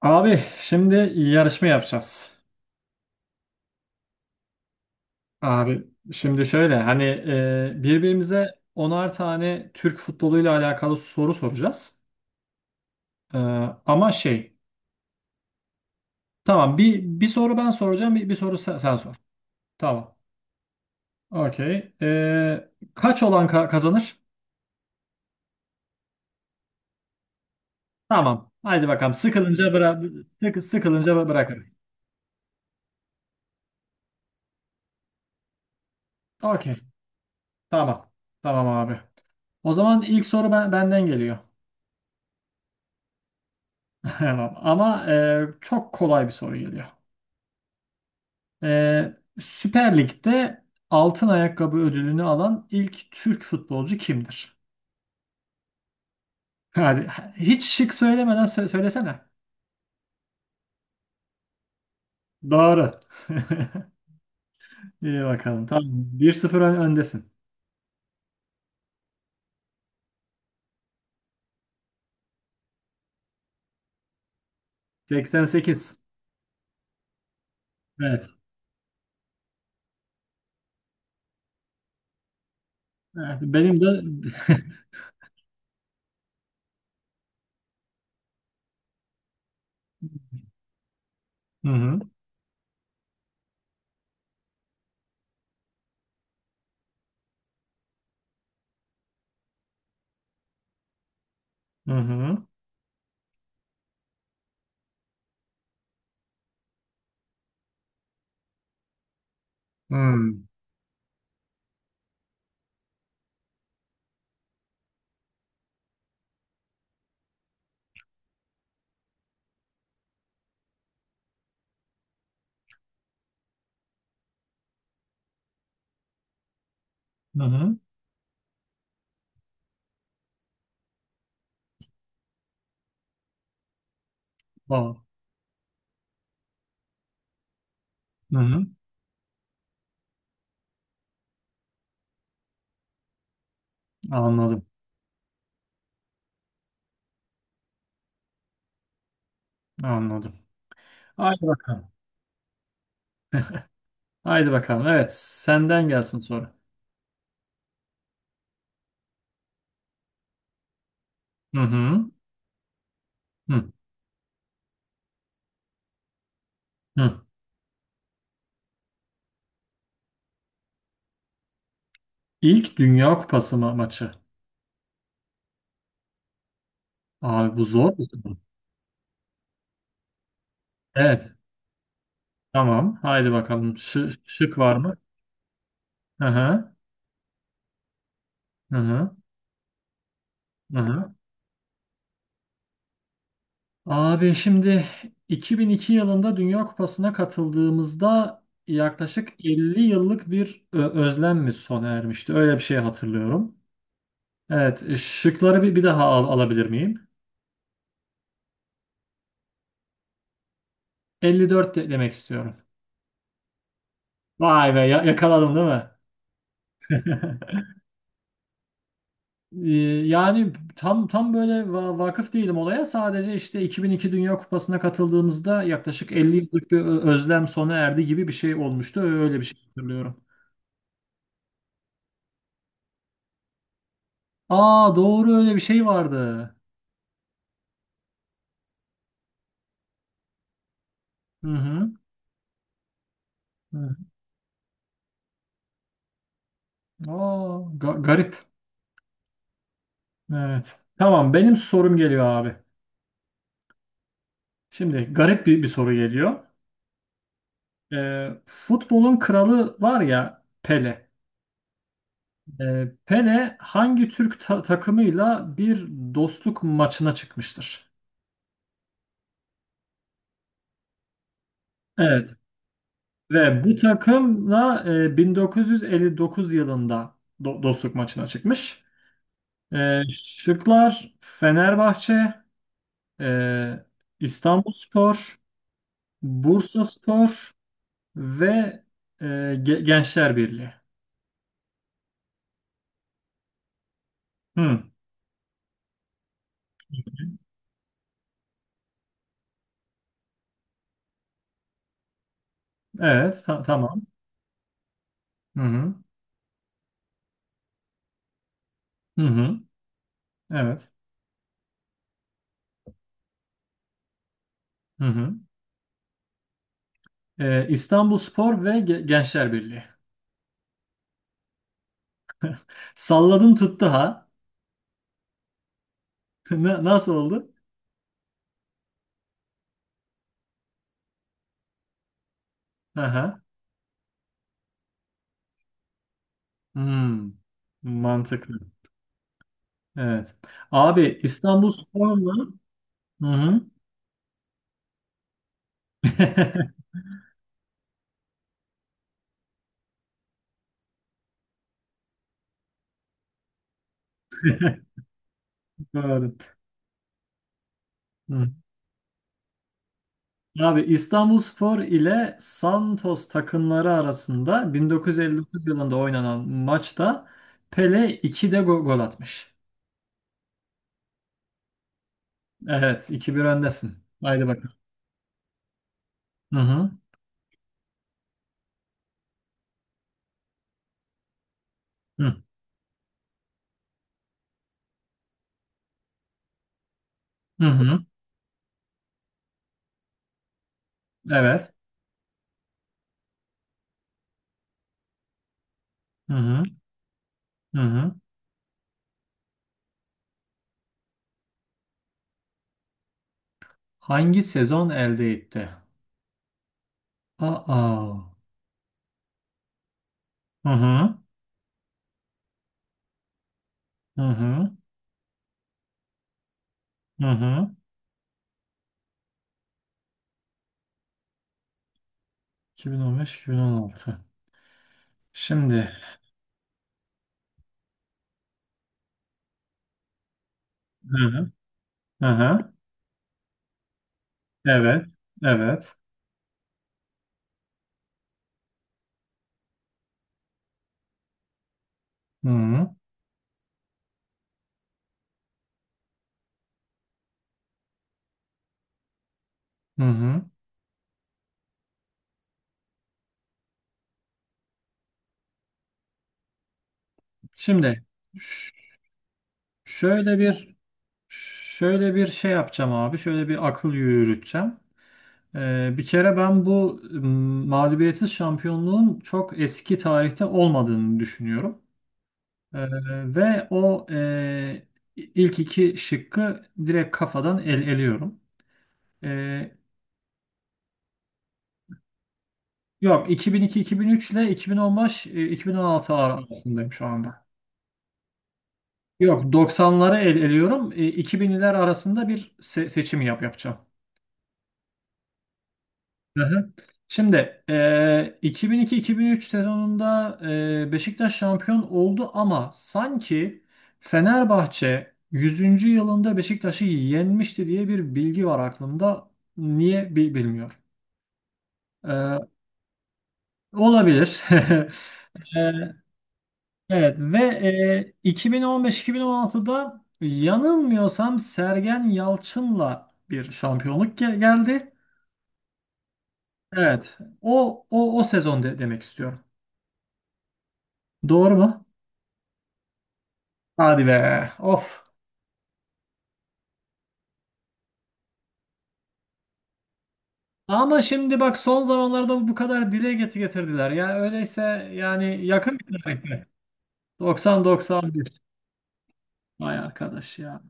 Abi şimdi yarışma yapacağız. Abi şimdi şöyle hani birbirimize onar tane Türk futboluyla alakalı soru soracağız. E, ama şey tamam, bir soru ben soracağım, bir soru sen sor. Tamam. Okey. Kaç olan kazanır? Tamam. Haydi bakalım, sıkılınca bırakırız. Okey. Tamam. Tamam abi. O zaman ilk soru benden geliyor. Tamam. Ama çok kolay bir soru geliyor. Ee, Süper Lig'de altın ayakkabı ödülünü alan ilk Türk futbolcu kimdir? Hadi, hiç şık söylemeden söylesene. Doğru. İyi bakalım. Tamam. Bir sıfır öndesin. 88. Evet. Evet. Benim de. Hı hı. Hı hı. Hı hı. Hı. Tamam. Hı hı. Anladım. Anladım. Haydi bakalım. Haydi bakalım. Evet. Senden gelsin soru. Hı hı. Hı hı. İlk Dünya Kupası maçı. Abi bu zor bir soru. Evet. Tamam. Haydi bakalım. Şık var mı? Hı hı. Hı hı. Hı hı. Abi şimdi 2002 yılında Dünya Kupası'na katıldığımızda yaklaşık 50 yıllık bir özlem mi sona ermişti? Öyle bir şey hatırlıyorum. Evet. Şıkları bir daha alabilir miyim? 54 demek istiyorum. Vay be, yakaladım değil mi? Ee, yani tam böyle vakıf değilim olaya. Sadece işte 2002 Dünya Kupası'na katıldığımızda yaklaşık 50 yıllık bir özlem sona erdi gibi bir şey olmuştu. Öyle bir şey hatırlıyorum. Aa, doğru, öyle bir şey vardı. Hı hı. Hı. Aa, garip. Evet. Tamam, benim sorum geliyor abi. Şimdi garip bir soru geliyor. Futbolun kralı var ya, Pele. Pele hangi Türk takımıyla bir dostluk maçına çıkmıştır? Evet, ve bu takımla 1959 yılında dostluk maçına çıkmış. Şıklar Fenerbahçe, e, İstanbulspor, Bursaspor ve e, Gençler Birliği. Hı, evet, tamam. Hı hı. Hı hı. Evet. Hı hı. İstanbulspor ve Gençler Birliği. Salladın tuttu ha. Nasıl oldu? Aha. Hmm. Mantıklı. Evet. Abi İstanbul Spor'la. Hı hı. Doğru. Hı. Abi İstanbul Spor ile Santos takımları arasında 1959 yılında oynanan maçta Pele 2'de gol atmış. Evet, iki bir öndesin. Haydi bakalım. Hı hı. Hı hı. Hı. Evet. Hı hı. Hı hı. Hangi sezon elde etti? Aa. Hı hı. Hı hı. Hı hı. 2015-2016. Şimdi. Hı. Hı hı. Evet. Evet. Hı hı. Hı hı. Şimdi ş- şöyle bir şöyle bir şey yapacağım abi. Şöyle bir akıl yürüteceğim. Bir kere ben bu mağlubiyetsiz şampiyonluğun çok eski tarihte olmadığını düşünüyorum. Ee, ve o ilk iki şıkkı direkt kafadan el eliyorum. Ee, yok 2002-2003 ile 2015-2016 arasındayım şu anda. Yok, 90'ları el eliyorum. 2000'ler arasında bir seçim yapacağım. Hı hı. Şimdi 2002-2003 sezonunda Beşiktaş şampiyon oldu, ama sanki Fenerbahçe 100. yılında Beşiktaş'ı yenmişti diye bir bilgi var aklımda. Niye bilmiyor. E, olabilir. Evet, ve 2015-2016'da yanılmıyorsam Sergen Yalçın'la bir şampiyonluk geldi. Evet. O sezon demek istiyorum. Doğru mu? Hadi be. Of. Ama şimdi bak, son zamanlarda bu kadar dile getirdiler. Ya öyleyse yani yakın bir tarihte. 90-91. Vay arkadaş ya.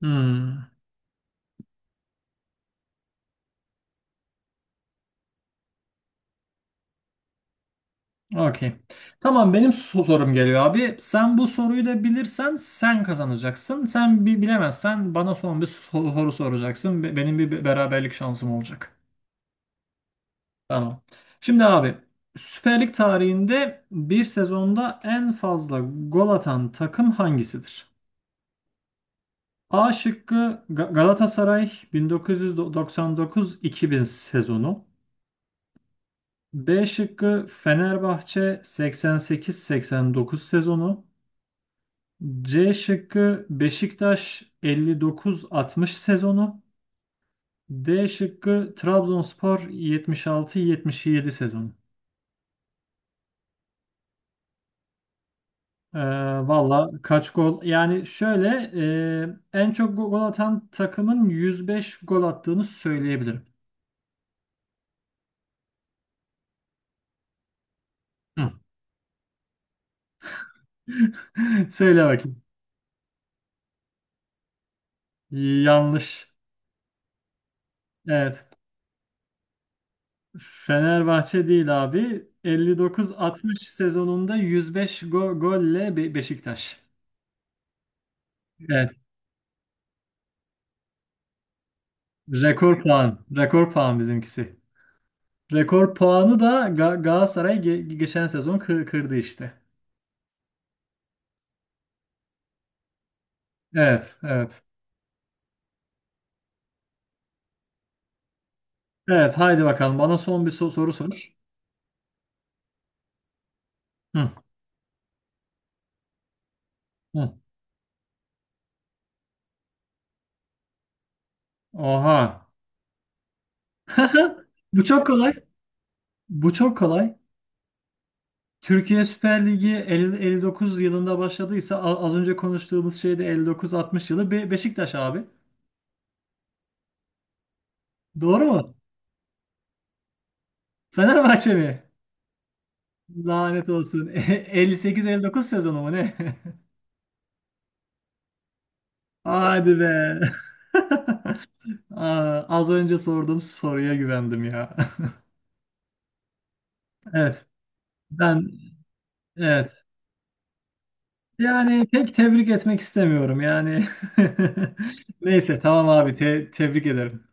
Hmm. Okey. Tamam, benim sorum geliyor abi. Sen bu soruyu da bilirsen sen kazanacaksın. Sen bilemezsen bana son bir soru soracaksın. Benim bir beraberlik şansım olacak. Tamam. Şimdi abi, Süper Lig tarihinde bir sezonda en fazla gol atan takım hangisidir? A şıkkı Galatasaray 1999-2000 sezonu. B şıkkı Fenerbahçe 88-89 sezonu. C şıkkı Beşiktaş 59-60 sezonu. D şıkkı Trabzonspor 76-77 sezonu. Ee, valla kaç gol? Yani şöyle en çok gol atan takımın 105 gol attığını söyleyebilirim. Hı. Söyle bakayım. Yanlış. Evet. Fenerbahçe değil abi. 59-60 sezonunda 105 golle Beşiktaş. Evet. Rekor puan. Rekor puan bizimkisi. Rekor puanı da Galatasaray geçen sezon kırdı işte. Evet, evet. Evet, haydi bakalım. Bana son bir soru sor. Hı, hı. Oha. Bu çok kolay. Bu çok kolay. Türkiye Süper Ligi 50 59 yılında başladıysa, az önce konuştuğumuz şey de 59-60 yılı Beşiktaş abi. Doğru mu? Fenerbahçe mi? Lanet olsun. 58-59 sezonu mu ne? Hadi be. Aa, az önce sorduğum soruya güvendim ya. Evet. Ben, evet. Yani pek tebrik etmek istemiyorum. Yani neyse tamam abi, tebrik ederim.